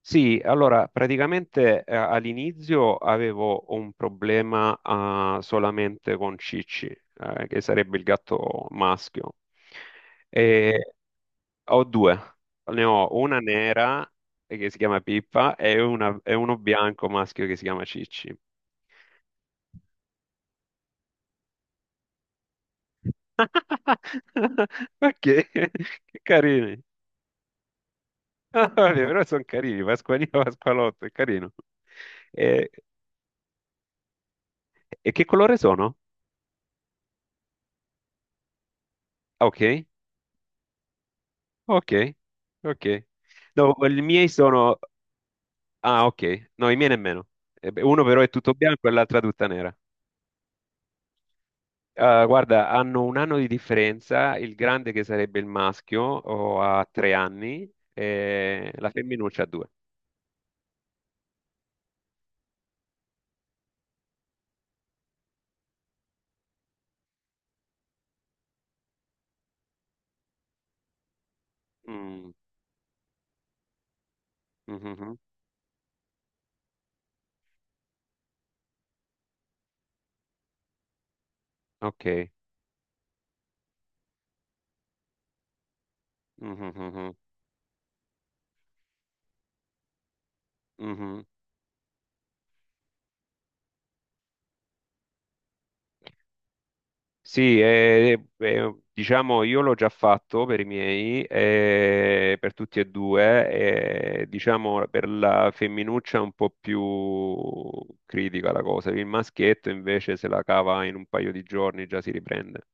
Sì, allora praticamente all'inizio avevo un problema solamente con Cicci, che sarebbe il gatto maschio. E ho due, ne ho una nera che si chiama Pippa e uno bianco maschio che si chiama Cicci. Perché? Che carini. Ah, vabbè, però sono carini, Pasqualino, Pasqualotto, è carino. E, e che colore sono? Ah, ok. Ok, ok. No, i miei sono. Ah, ok. No, i miei nemmeno. Eh beh, uno però è tutto bianco e l'altra tutta nera. Ah, guarda, hanno un anno di differenza, il grande che sarebbe il maschio o ha 3 anni e la femminuccia ha due. Mm, mhm, ok. Mhm, mhm, mhm. Sì, diciamo io l'ho già fatto per i miei, per tutti e due, diciamo per la femminuccia è un po' più critica la cosa, il maschietto invece se la cava in un paio di giorni già si riprende.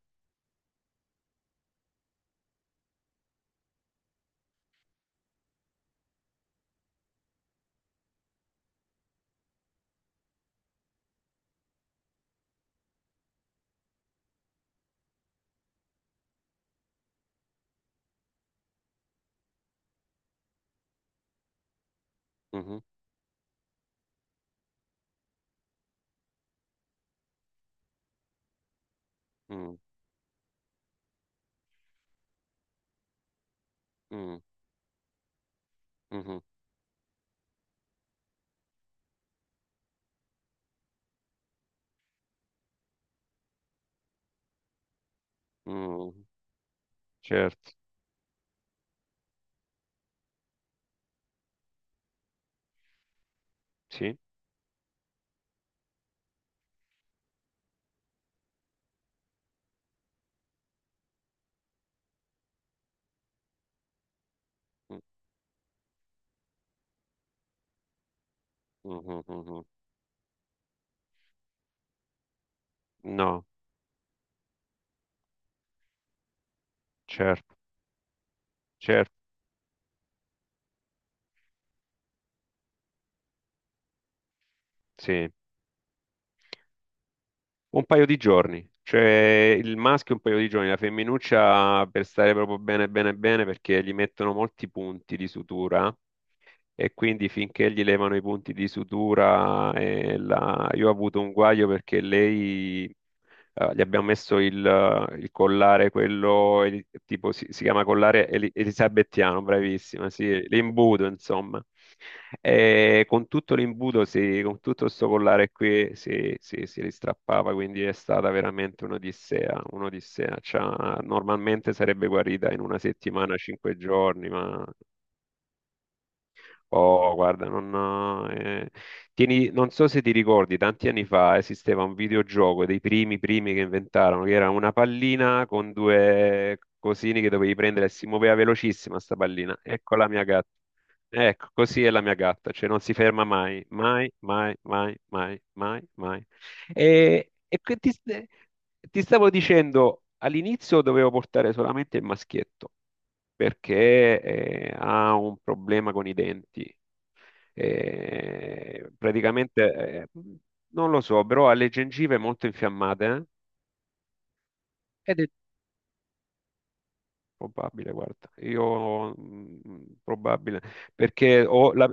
Mhm, mm, mm, mhm, mm. Certo, sì. Mm, mhm, mhm. No, certo, certo, sì. Un paio di giorni, cioè il maschio un paio di giorni, la femminuccia per stare proprio bene bene bene perché gli mettono molti punti di sutura e quindi finché gli levano i punti di sutura, io ho avuto un guaio perché lei, gli abbiamo messo il collare, quello tipo si chiama collare elisabettiano, bravissima, sì, l'imbuto insomma. E con tutto l'imbuto, con tutto questo collare qui si ristrappava, quindi è stata veramente un'odissea, un'odissea. Cioè, normalmente sarebbe guarita in una settimana, 5 giorni, ma Oh, guarda, non so se ti ricordi, tanti anni fa esisteva un videogioco dei primi primi che inventarono, che era una pallina con due cosini che dovevi prendere e si muoveva velocissima sta pallina. Ecco la mia gatta. Ecco, così è la mia gatta, cioè non si ferma mai, mai, mai, mai, mai, mai, mai. E, e que- ti, st- ti stavo dicendo, all'inizio dovevo portare solamente il maschietto perché ha un problema con i denti. Praticamente, non lo so, però ha le gengive molto infiammate, eh? Ed è probabile, guarda, probabile, perché ho la.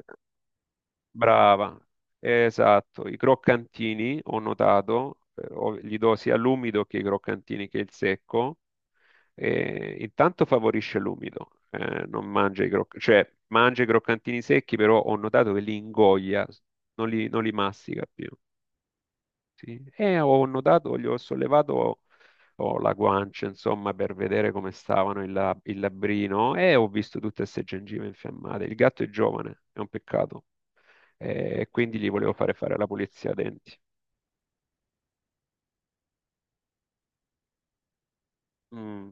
Brava, esatto, i croccantini ho notato, gli do sia l'umido che i croccantini che il secco. E intanto favorisce l'umido, non mangia i cioè mangia i croccantini secchi, però ho notato che li ingoia, non li mastica più. Sì. E ho notato, gli ho sollevato ho la guancia, insomma, per vedere come stavano il labbrino e ho visto tutte queste gengive infiammate. Il gatto è giovane, è un peccato, e quindi gli volevo fare fare la pulizia denti. Mm,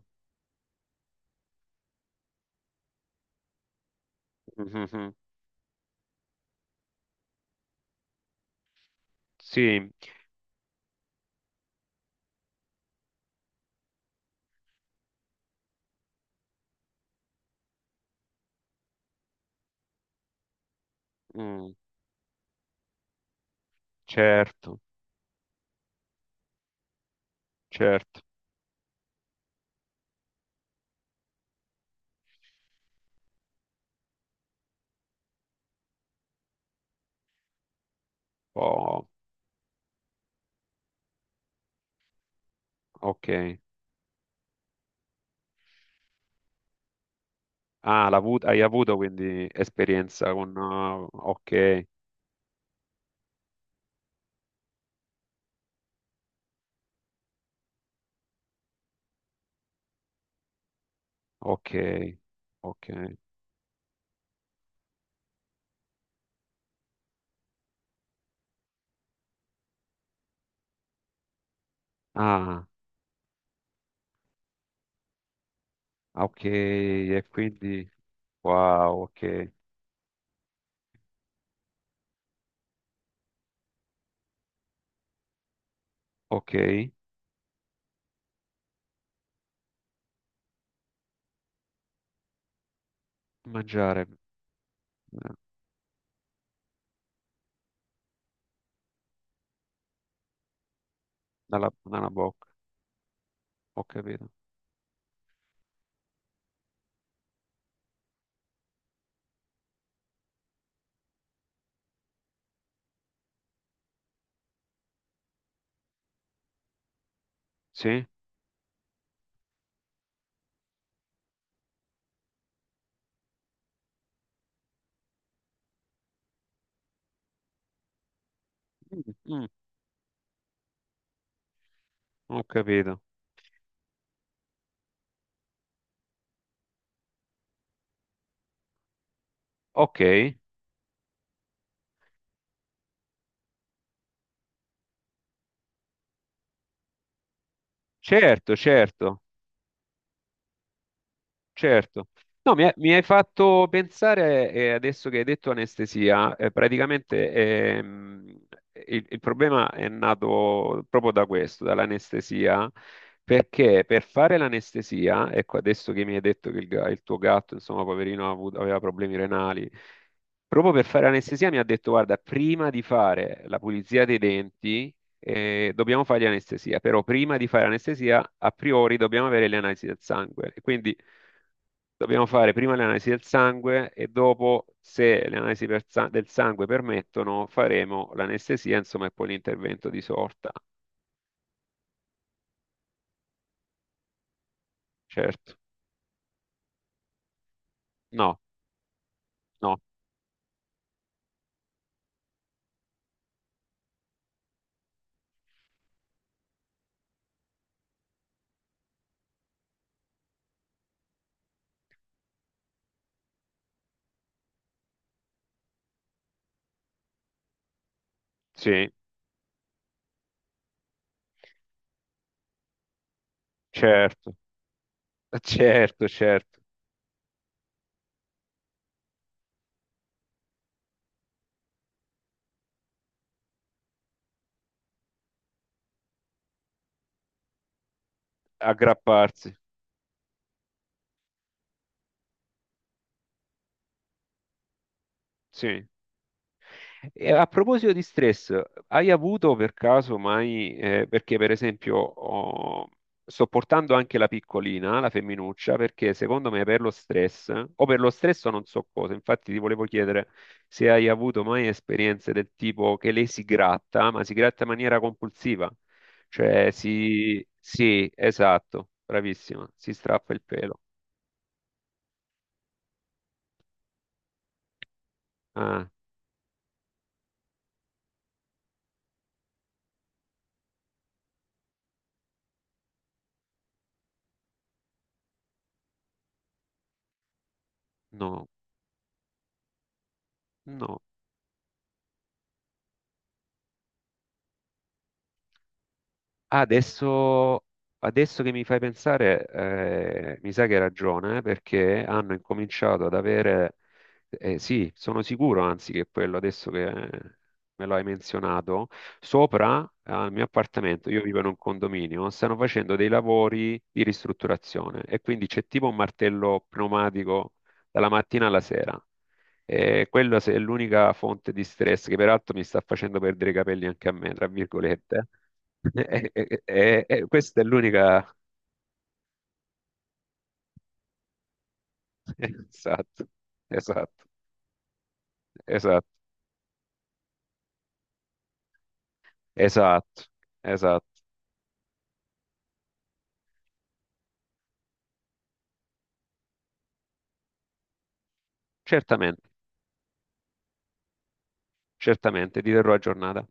mhm, sì, mm, certo, certo. Oh, ok. Ah, hai avuto quindi esperienza con. Ah, ok, ok, ok. Ah, ah, ok, e quindi. Wow, ok, ok. Mangiare eh, dalla bocca, ho capito. Sì? Mm, mm, ho capito. Ok, certo, certo. Certo. No, mi hai fatto pensare, adesso che hai detto anestesia, praticamente il problema è nato proprio da questo, dall'anestesia, perché per fare l'anestesia, ecco, adesso che mi hai detto che il tuo gatto, insomma, poverino, aveva problemi renali, proprio per fare l'anestesia mi ha detto, guarda, prima di fare la pulizia dei denti, dobbiamo fargli anestesia, però prima di fare anestesia, a priori dobbiamo avere le analisi del sangue. E quindi. Dobbiamo fare prima le analisi del sangue e dopo, se le analisi del sangue permettono, faremo l'anestesia, insomma, e poi l'intervento di sorta. Certo. No, no, sì, certo, certo, certo. Aggrapparsi, sì. E a proposito di stress, hai avuto per caso mai, perché per esempio sto portando anche la piccolina, la femminuccia, perché secondo me per lo stress, o per lo stress o non so cosa, infatti ti volevo chiedere se hai avuto mai esperienze del tipo che lei si gratta, ma si gratta in maniera compulsiva, cioè si. Sì, esatto, bravissima, si strappa il pelo. Ah, no, no. Adesso, adesso che mi fai pensare, mi sa che hai ragione, perché hanno incominciato ad avere, sì, sono sicuro, anzi, che quello adesso che me lo hai menzionato, sopra al mio appartamento, io vivo in un condominio, stanno facendo dei lavori di ristrutturazione e quindi c'è tipo un martello pneumatico dalla mattina alla sera. Quella se- è l'unica fonte di stress che peraltro mi sta facendo perdere i capelli anche a me, tra virgolette. Questa è l'unica. Esatto, esatto, esatto, esatto, esatto. Certamente, certamente, ti terrò aggiornata.